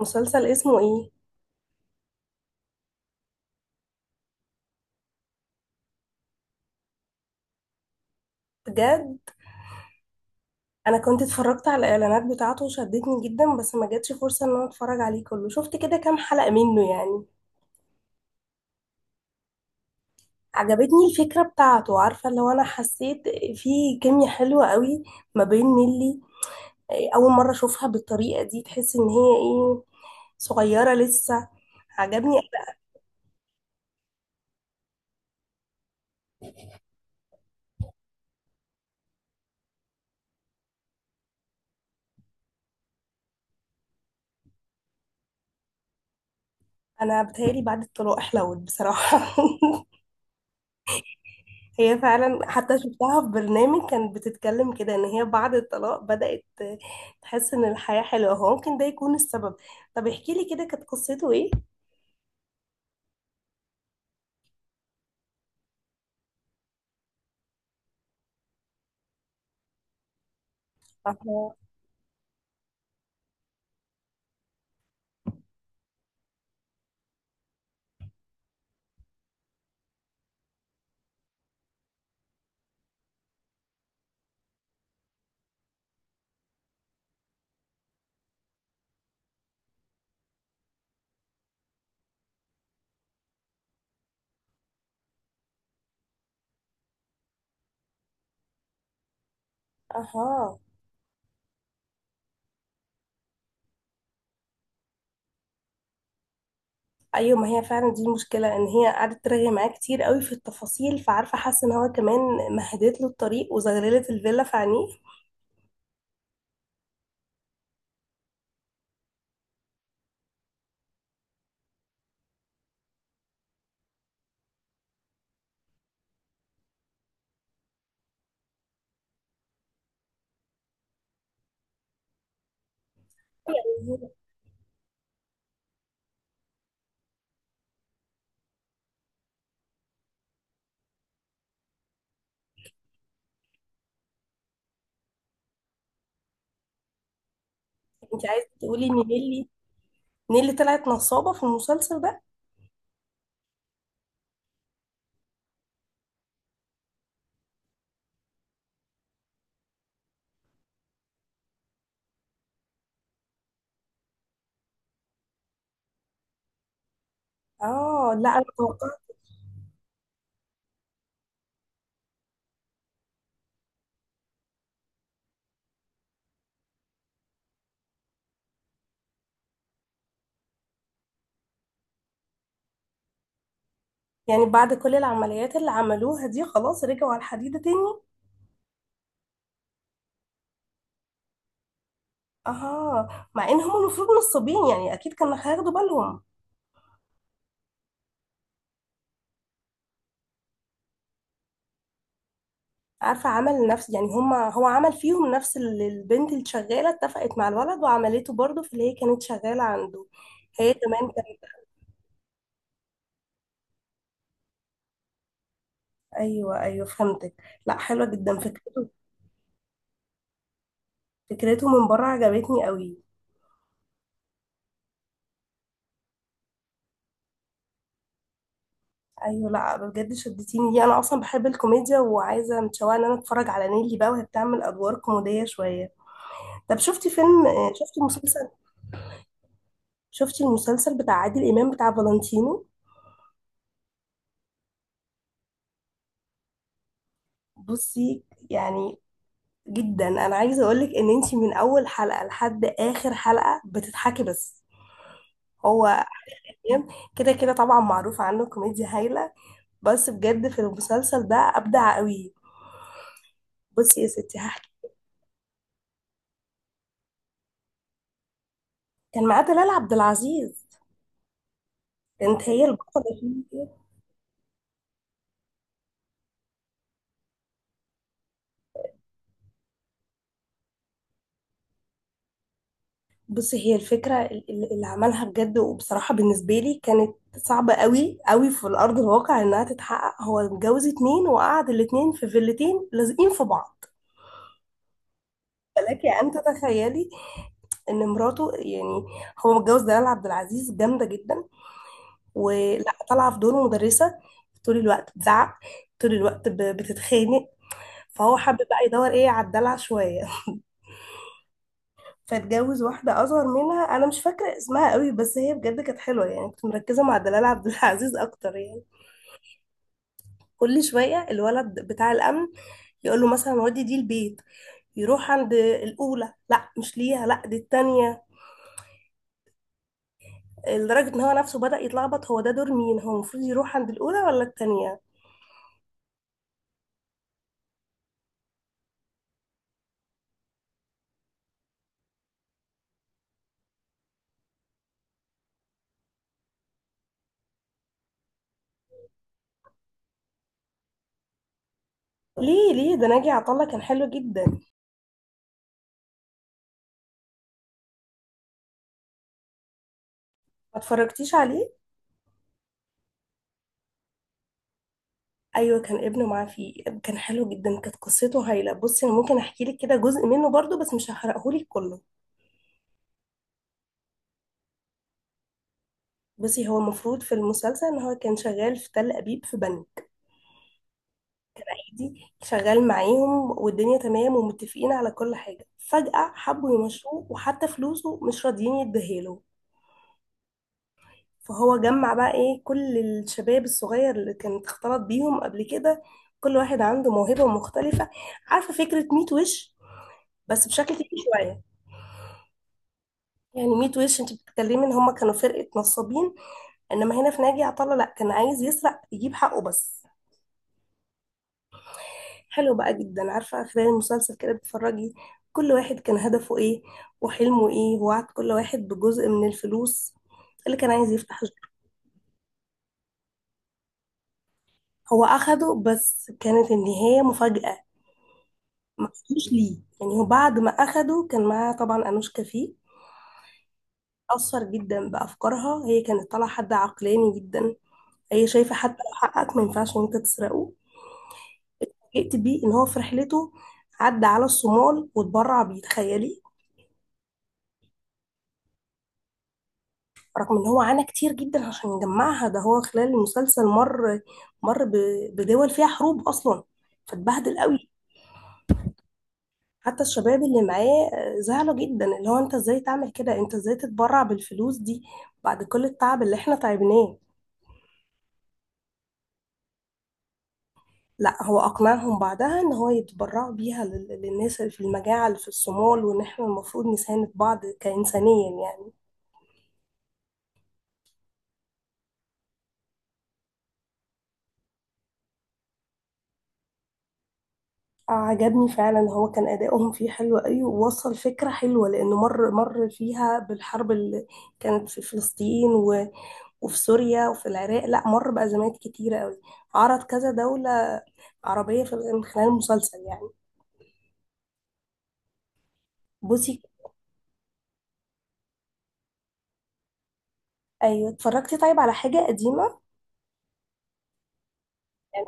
مسلسل اسمه ايه؟ بجد؟ انا كنت اتفرجت على الاعلانات بتاعته وشدتني جدا، بس ما جاتش فرصة ان انا اتفرج عليه كله، شفت كده كام حلقة منه يعني. عجبتني الفكرة بتاعته، عارفة اللي هو انا حسيت في كيميا حلوة قوي ما بين نيلي. إيه، اول مرة اشوفها بالطريقة دي، تحس ان هي ايه، صغيرة لسه. عجبني أوي. انا بتهيألي بعد الطلاق حلوت بصراحة. هي فعلا، حتى شفتها في برنامج كانت بتتكلم كده ان هي بعد الطلاق بدأت تحس ان الحياة حلوة، هو ممكن ده يكون السبب. طب احكي لي كده كانت قصته ايه؟ اها. اها. ايوه، ما هي فعلا دي المشكلة ان هي قعدت ترغي معاه كتير قوي في التفاصيل، فعارفة حاسة ان هو كمان مهدت له الطريق وزغللت الفيلا في عينيه. يعني، انت عايزة تقولي ان نيلي طلعت نصابة في المسلسل ده؟ اه، لا انا توقعت. يعني بعد كل العمليات اللي عملوها دي خلاص رجعوا على الحديدة تاني؟ اه، مع ان هم المفروض نصابين يعني اكيد كانوا هياخدوا بالهم. عارفه عمل نفس، يعني هم، هو عمل فيهم نفس اللي البنت اللي شغاله اتفقت مع الولد وعملته برضه في اللي هي كانت شغاله عنده. هي كمان كانت. ايوه، ايوه، فهمتك. لا، حلوه جدا فكرته. فكرته من بره عجبتني قوي. ايوه، لا بجد شدتيني دي، انا اصلا بحب الكوميديا وعايزه، متشوقه ان انا اتفرج على نيلي بقى وهي بتعمل ادوار كوميديه شويه. طب شفتي فيلم، شفتي مسلسل، شفتي المسلسل بتاع عادل امام بتاع فالنتينو؟ بصي، يعني جدا انا عايزه اقولك ان انتي من اول حلقه لحد اخر حلقه بتضحكي بس. هو كده كده طبعا معروف عنه كوميديا هايله، بس بجد في المسلسل ده ابدع قوي. بصي يا ستي هحكي. كان معاه دلال عبد العزيز، كانت هي البطله فيه. بصي، هي الفكره اللي عملها بجد وبصراحه بالنسبه لي كانت صعبه قوي قوي في الارض الواقع انها تتحقق، هو متجوز اتنين وقعد الاتنين في فيلتين لازقين في بعض. فلك أن تتخيلي ان مراته يعني، هو متجوز دلال عبد العزيز جامده جدا ولا طالعه في دور مدرسه، طول الوقت بتزعق، طول الوقت بتتخانق. فهو حابب بقى يدور ايه على الدلع شويه. فاتجوز واحده اصغر منها، انا مش فاكره اسمها قوي، بس هي بجد كانت حلوه يعني، كنت مركزه مع دلال عبد العزيز اكتر يعني. كل شويه الولد بتاع الامن يقول له مثلا ودي، دي البيت، يروح عند الاولى، لا مش ليها، لا دي التانية. لدرجة ان هو نفسه بدأ يتلخبط، هو ده دور مين، هو المفروض يروح عند الأولى ولا التانية. ليه ده ناجي عطا الله كان حلو جدا، ما اتفرجتيش عليه؟ ايوه كان ابنه معاه فيه، كان حلو جدا، كانت قصته هايله. بصي انا ممكن احكي لك كده جزء منه برضو بس مش هحرقه لك كله. بصي، هو المفروض في المسلسل ان هو كان شغال في تل ابيب في بنك، عادي شغال معاهم والدنيا تمام ومتفقين على كل حاجه، فجاه حبوا يمشوه وحتى فلوسه مش راضيين يديها له. فهو جمع بقى ايه كل الشباب الصغير اللي كانت اختلط بيهم قبل كده، كل واحد عنده موهبة مختلفة. عارفة فكرة ميت وش، بس بشكل تاني شوية. يعني ميت وش انت بتتكلمي ان هما كانوا فرقة نصابين، انما هنا في ناجي عطا الله لا، كان عايز يسرق يجيب حقه بس. حلو بقى جدا، عارفة خلال المسلسل كده بتتفرجي كل واحد كان هدفه ايه وحلمه ايه، ووعد كل واحد بجزء من الفلوس اللي كان عايز يفتح. هو اخده بس كانت النهاية مفاجأة. ما اصلوش ليه، يعني هو بعد ما اخده كان معاه طبعا انوشكا فيه، اثر جدا بافكارها، هي كانت طالعه حد عقلاني جدا، هي شايفه حتى لو حقك ما ينفعش ان انت تسرقه. فوجئت بيه ان هو في رحلته عدى على الصومال واتبرع بيه، تخيلي. رغم ان هو عانى كتير جدا عشان يجمعها، ده هو خلال المسلسل مر، مر بدول فيها حروب اصلا، فاتبهدل قوي. حتى الشباب اللي معاه زعلوا جدا، اللي هو انت ازاي تعمل كده، انت ازاي تتبرع بالفلوس دي بعد كل التعب اللي احنا تعبناه. لا، هو اقنعهم بعدها ان هو يتبرعوا بيها للناس اللي في المجاعة اللي في الصومال، وان احنا المفروض نساند بعض كإنسانيا يعني. آه، عجبني فعلا، هو كان ادائهم فيه حلو قوي ووصل فكرة حلوة لانه مر، مر فيها بالحرب اللي كانت في فلسطين وفي سوريا وفي العراق، لا مر بأزمات كتيرة قوي، عرض كذا دولة عربية في من خلال المسلسل يعني. بصي، ايوه اتفرجتي طيب على حاجه قديمه؟ يعني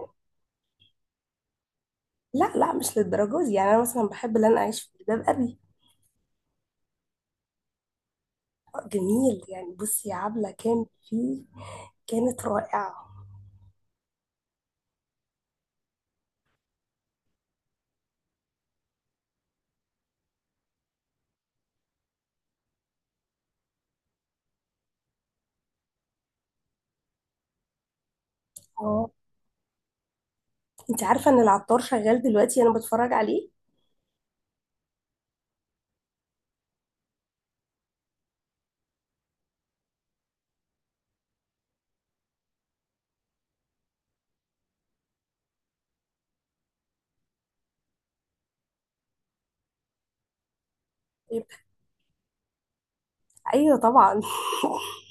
لا، لا مش للدرجه دي يعني، انا مثلا بحب اللي انا اعيش في جلباب ابي. آه، جميل يعني. بصي عبله كان فيه كانت رائعه. اه، انت عارفه ان العطار شغال دلوقتي، انا بتفرج عليه. طيب، ايوه طبعا.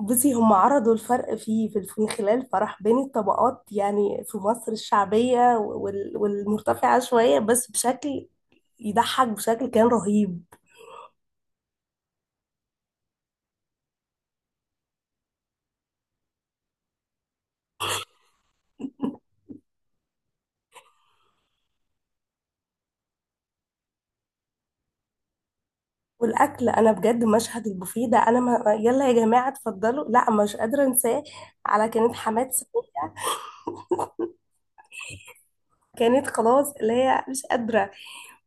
بصي هم عرضوا الفرق فيه، من خلال فرح بين الطبقات يعني في مصر، الشعبيه والمرتفعه شويه، بس بشكل يضحك، بشكل كان رهيب. والاكل، انا بجد مشهد البوفيه ده، انا ما، يلا يا جماعه اتفضلوا، لا مش قادره انساه. على كانت حماد سلوك، كانت خلاص اللي هي مش قادره.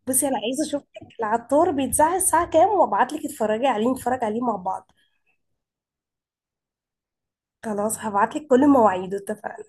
بصي انا عايزه اشوفك، العطار بيتذاع الساعه كام، وابعت لك اتفرجي عليه، نتفرج عليه مع بعض. خلاص، هبعت لك كل مواعيده، اتفقنا.